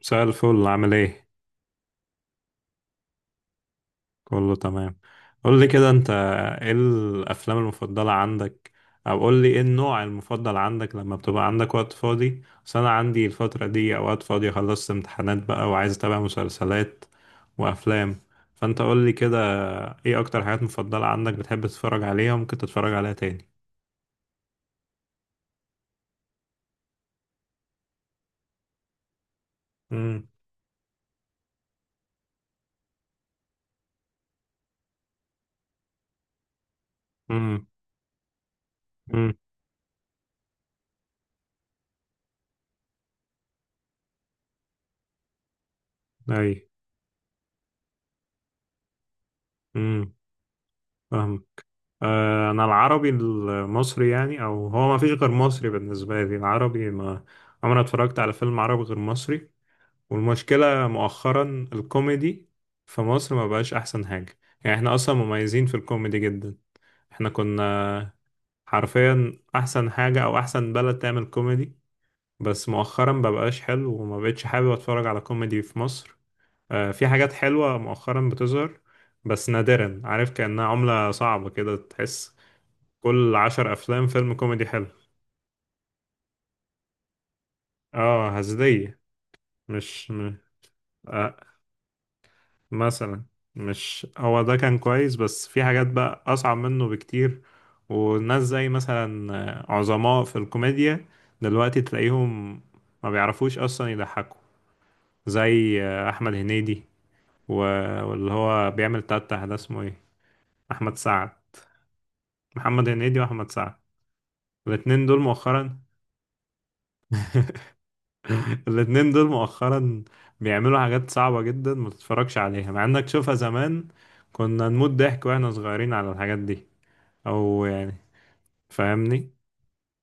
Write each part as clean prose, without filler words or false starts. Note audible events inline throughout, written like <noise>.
مساء الفل، عامل ايه؟ كله تمام. قول لي كده، انت ايه الافلام المفضلة عندك؟ او قول لي ايه النوع المفضل عندك لما بتبقى عندك وقت فاضي. بس انا عندي الفترة دي اوقات فاضية، خلصت امتحانات بقى وعايز اتابع مسلسلات وافلام. فانت قول لي كده، ايه اكتر حاجات مفضلة عندك بتحب تتفرج عليها وممكن تتفرج عليها تاني؟ امم امم امم اي. امم انا العربي المصري، يعني او هو ما فيش غير مصري بالنسبه لي العربي، ما عمري ما اتفرجت على فيلم عربي غير مصري. والمشكله مؤخرا، الكوميدي في مصر ما بقاش احسن حاجه، يعني احنا اصلا مميزين في الكوميدي جدا. احنا كنا حرفيا احسن حاجه او احسن بلد تعمل كوميدي، بس مؤخرا ما بقاش حلو وما بقتش حابب اتفرج على كوميدي في مصر. في حاجات حلوه مؤخرا بتظهر بس نادرا، عارف، كأنها عملة صعبة كده تحس. كل عشر أفلام فيلم كوميدي حلو. اه، هزلية. مش م... آه مثلا. مش هو ده كان كويس، بس في حاجات بقى أصعب منه بكتير. وناس زي مثلا، عظماء في الكوميديا، دلوقتي تلاقيهم ما بيعرفوش أصلا يضحكوا. زي أحمد هنيدي و- واللي هو بيعمل تتح ده اسمه ايه؟ أحمد سعد. محمد هنيدي وأحمد سعد، الاتنين دول مؤخرا. <laughs> الاتنين دول مؤخرا بيعملوا حاجات صعبة جدا، ما تتفرجش عليها، مع انك تشوفها زمان كنا نموت ضحك واحنا صغيرين على الحاجات دي. او يعني، فاهمني؟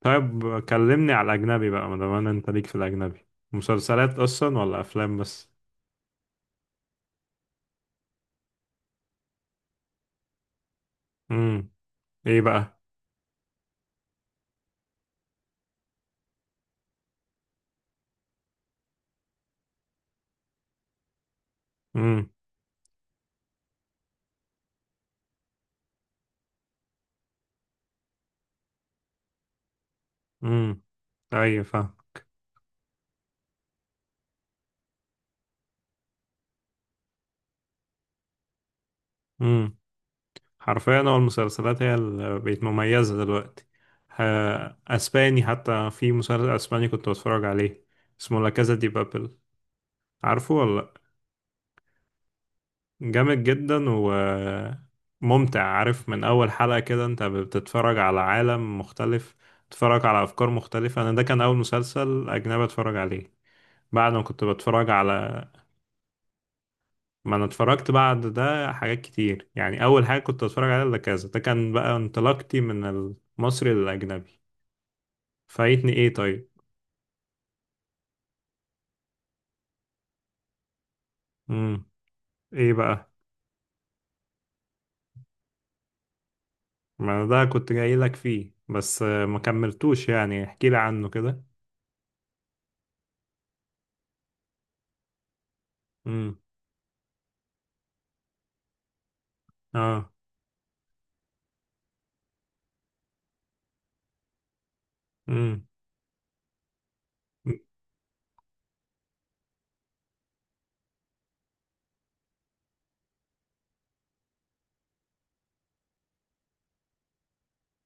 طيب كلمني على الاجنبي بقى، ما دام انت ليك في الاجنبي مسلسلات اصلا ولا افلام بس؟ امم. ايه بقى؟ امم امم. ايوه، فاهم. امم. حرفيا هو المسلسلات هي اللي بقت مميزة دلوقتي. ها، اسباني، حتى في مسلسل اسباني كنت بتفرج عليه، اسمه لا كازا دي بابل، عارفه ولا؟ جامد جدا وممتع، عارف، من أول حلقة كده أنت بتتفرج على عالم مختلف، بتتفرج على أفكار مختلفة. أنا ده كان أول مسلسل أجنبي أتفرج عليه، بعد ما كنت بتفرج على، ما أنا اتفرجت بعد ده حاجات كتير، يعني أول حاجة كنت أتفرج عليها ده، كذا، ده كان بقى انطلاقتي من المصري للأجنبي. فايتني إيه طيب؟ مم. إيه بقى؟ ما ده كنت جاي لك فيه. بس ما كملتوش، يعني احكي لي عنه كده. امم. اه.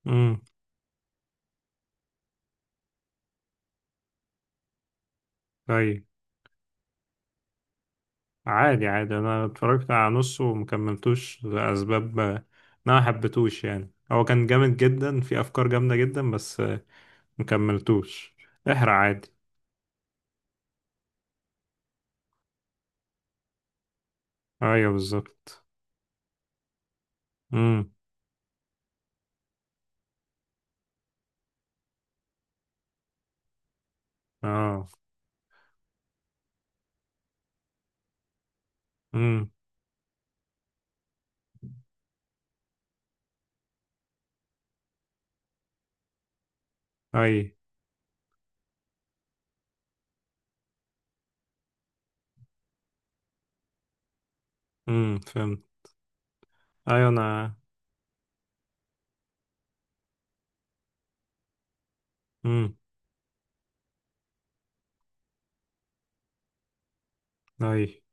امم. طيب. عادي، عادي، انا اتفرجت على نصه ومكملتوش لاسباب، إن انا محبتوش، يعني هو كان جامد جدا، في افكار جامده جدا، بس مكملتوش. احرق عادي. ايوه بالظبط. امم. اه. امم. اي. امم، فهمت. ايوه انا. امم. اي.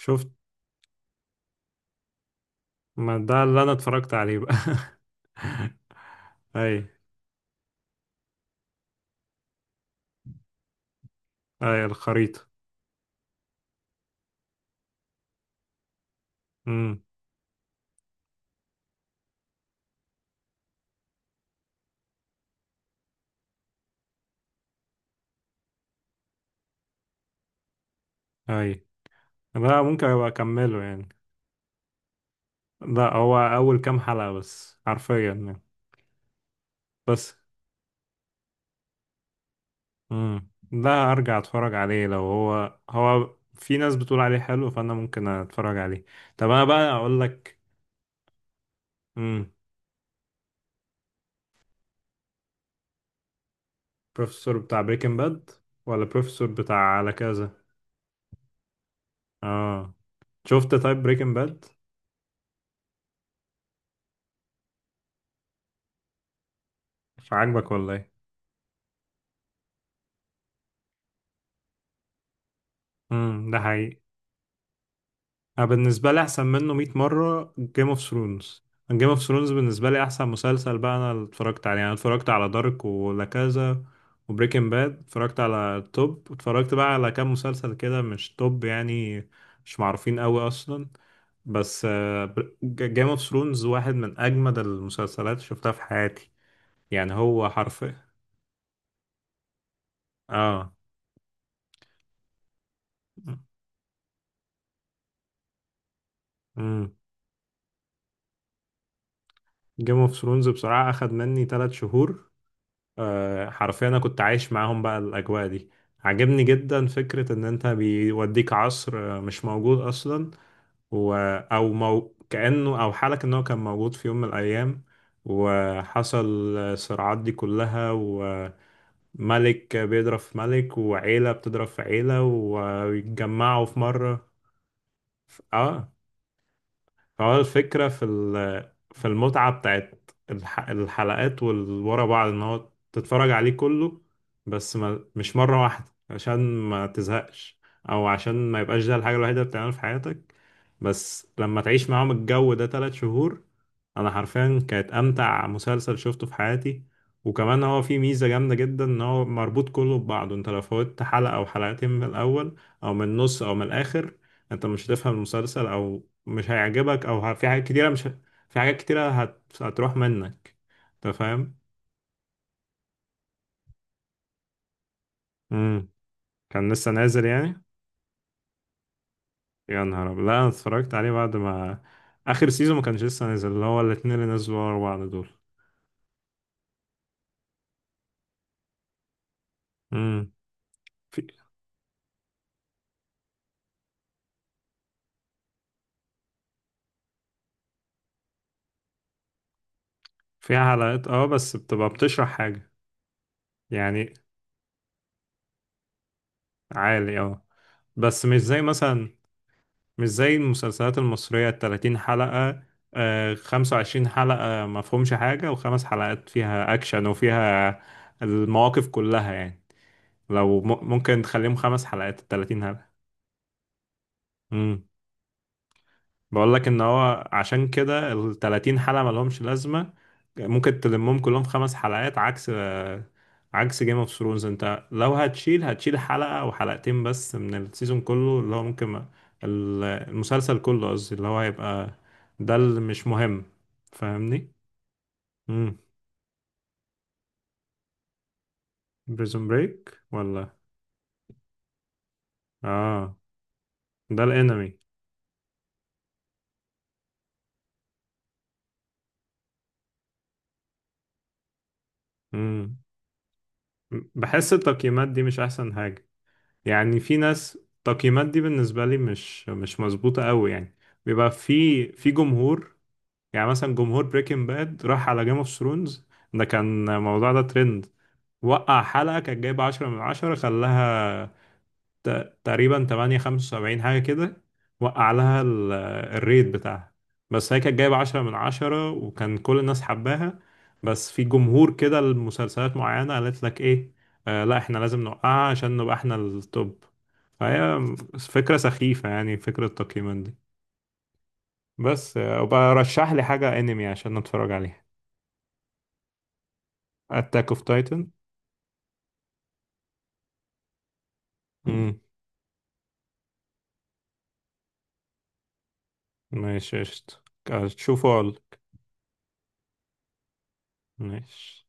شفت، ما ده اللي انا اتفرجت عليه بقى. <laughs> اي. اي، الخريطه. امم. اي. لا، ممكن ابقى اكمله يعني. لا، هو اول كام حلقه بس حرفيا يعني. بس، امم، ده ارجع اتفرج عليه، لو هو هو في ناس بتقول عليه حلو فانا ممكن اتفرج عليه. طب انا بقى اقول لك. امم. بروفيسور بتاع بريكنج باد، ولا بروفيسور بتاع على كذا؟ اه. شفت، طيب بريكنج باد؟ عاجبك ولا ايه؟ امم، ده حقيقي. انا بالنسبه لي احسن منه 100 مره، جيم اوف ثرونز. جيم اوف ثرونز بالنسبه لي احسن مسلسل بقى انا اللي اتفرجت عليه. يعني انا اتفرجت على دارك ولا كذا، وبريكنج باد، اتفرجت على توب. اتفرجت بقى على كام مسلسل كده مش توب يعني، مش معروفين قوي اصلا. بس جيم اوف ثرونز واحد من اجمد المسلسلات اللي شفتها في حياتي. يعني هو حرفيا. اه. امم. جيم اوف ثرونز بصراحه اخد مني 3 شهور. حرفيا انا كنت عايش معاهم بقى الاجواء دي. عجبني جدا فكرة ان انت بيوديك عصر مش موجود اصلا. و... كأنه او حالك ان هو كان موجود في يوم من الايام وحصل الصراعات دي كلها، وملك بيضرب في ملك، وعيلة بتضرب في عيلة، ويتجمعوا في مرة. اه. هو الفكرة في في المتعة بتاعت الحلقات والورا بعض، ان هو تتفرج عليه كله، بس ما مش مرة واحدة عشان ما تزهقش، او عشان ما يبقاش ده الحاجة الوحيدة اللي بتعملها في حياتك. بس لما تعيش معاهم الجو ده تلات شهور، انا حرفيا كانت امتع مسلسل شفته في حياتي. وكمان هو فيه ميزة جامدة جدا ان هو مربوط كله ببعضه. انت لو فوتت حلقة او حلقتين من الاول او من النص او من الاخر، انت مش هتفهم المسلسل، او مش هيعجبك، او في حاجات كتيره مش ه- في حاجات كتيره هتروح منك. انت فاهم؟ امم. كان لسه نازل يعني. يا نهار ابيض، لا انا اتفرجت عليه بعد ما اخر سيزون، ما كانش لسه نازل اللي هو الاتنين اللي نزلوا ورا بعض دول. امم. في فيها حلقات، اه، بس بتبقى بتشرح حاجه يعني. عالي، اه. بس مش زي مثلا، مش زي المسلسلات المصرية التلاتين حلقة، آه، خمسة وعشرين حلقة مفهومش حاجة وخمس حلقات فيها أكشن وفيها المواقف كلها يعني. ممكن تخليهم خمس حلقات التلاتين حلقة. مم. بقول لك ان هو عشان كده ال 30 حلقة ما لهمش لازمة، ممكن تلمهم كلهم في خمس حلقات. عكس، عكس جيم اوف ثرونز، انت لو هتشيل، هتشيل حلقة او حلقتين بس من السيزون كله اللي هو ممكن المسلسل كله قصدي اللي هو هيبقى ده اللي مش مهم. فاهمني؟ امم. بريزون بريك ولا؟ اه، ده الانمي. امم. بحس التقييمات دي مش احسن يعني. في ناس التقييمات دي بالنسبة لي مش مظبوطة قوي يعني. بيبقى في جمهور. يعني مثلا جمهور بريكنج باد راح على جيم اوف ثرونز، ده كان الموضوع ده ترند، وقع حلقة كانت جايبة عشرة من عشرة، خلاها تقريبا 8 75 حاجة كده، وقع لها الريت بتاعها. بس هي كانت جايبة 10 من 10 وكان كل الناس حباها. بس في جمهور كده لمسلسلات معينة قالت لك ايه، آه لا احنا لازم نوقعها عشان نبقى احنا التوب. فهي، فكرة سخيفة يعني فكرة التقييمات دي. بس وبقى رشح لي حاجة انمي عشان نتفرج عليها. اتاك اوف تايتن. امم. ماشي، قشطة. تشوفوا. ماشي.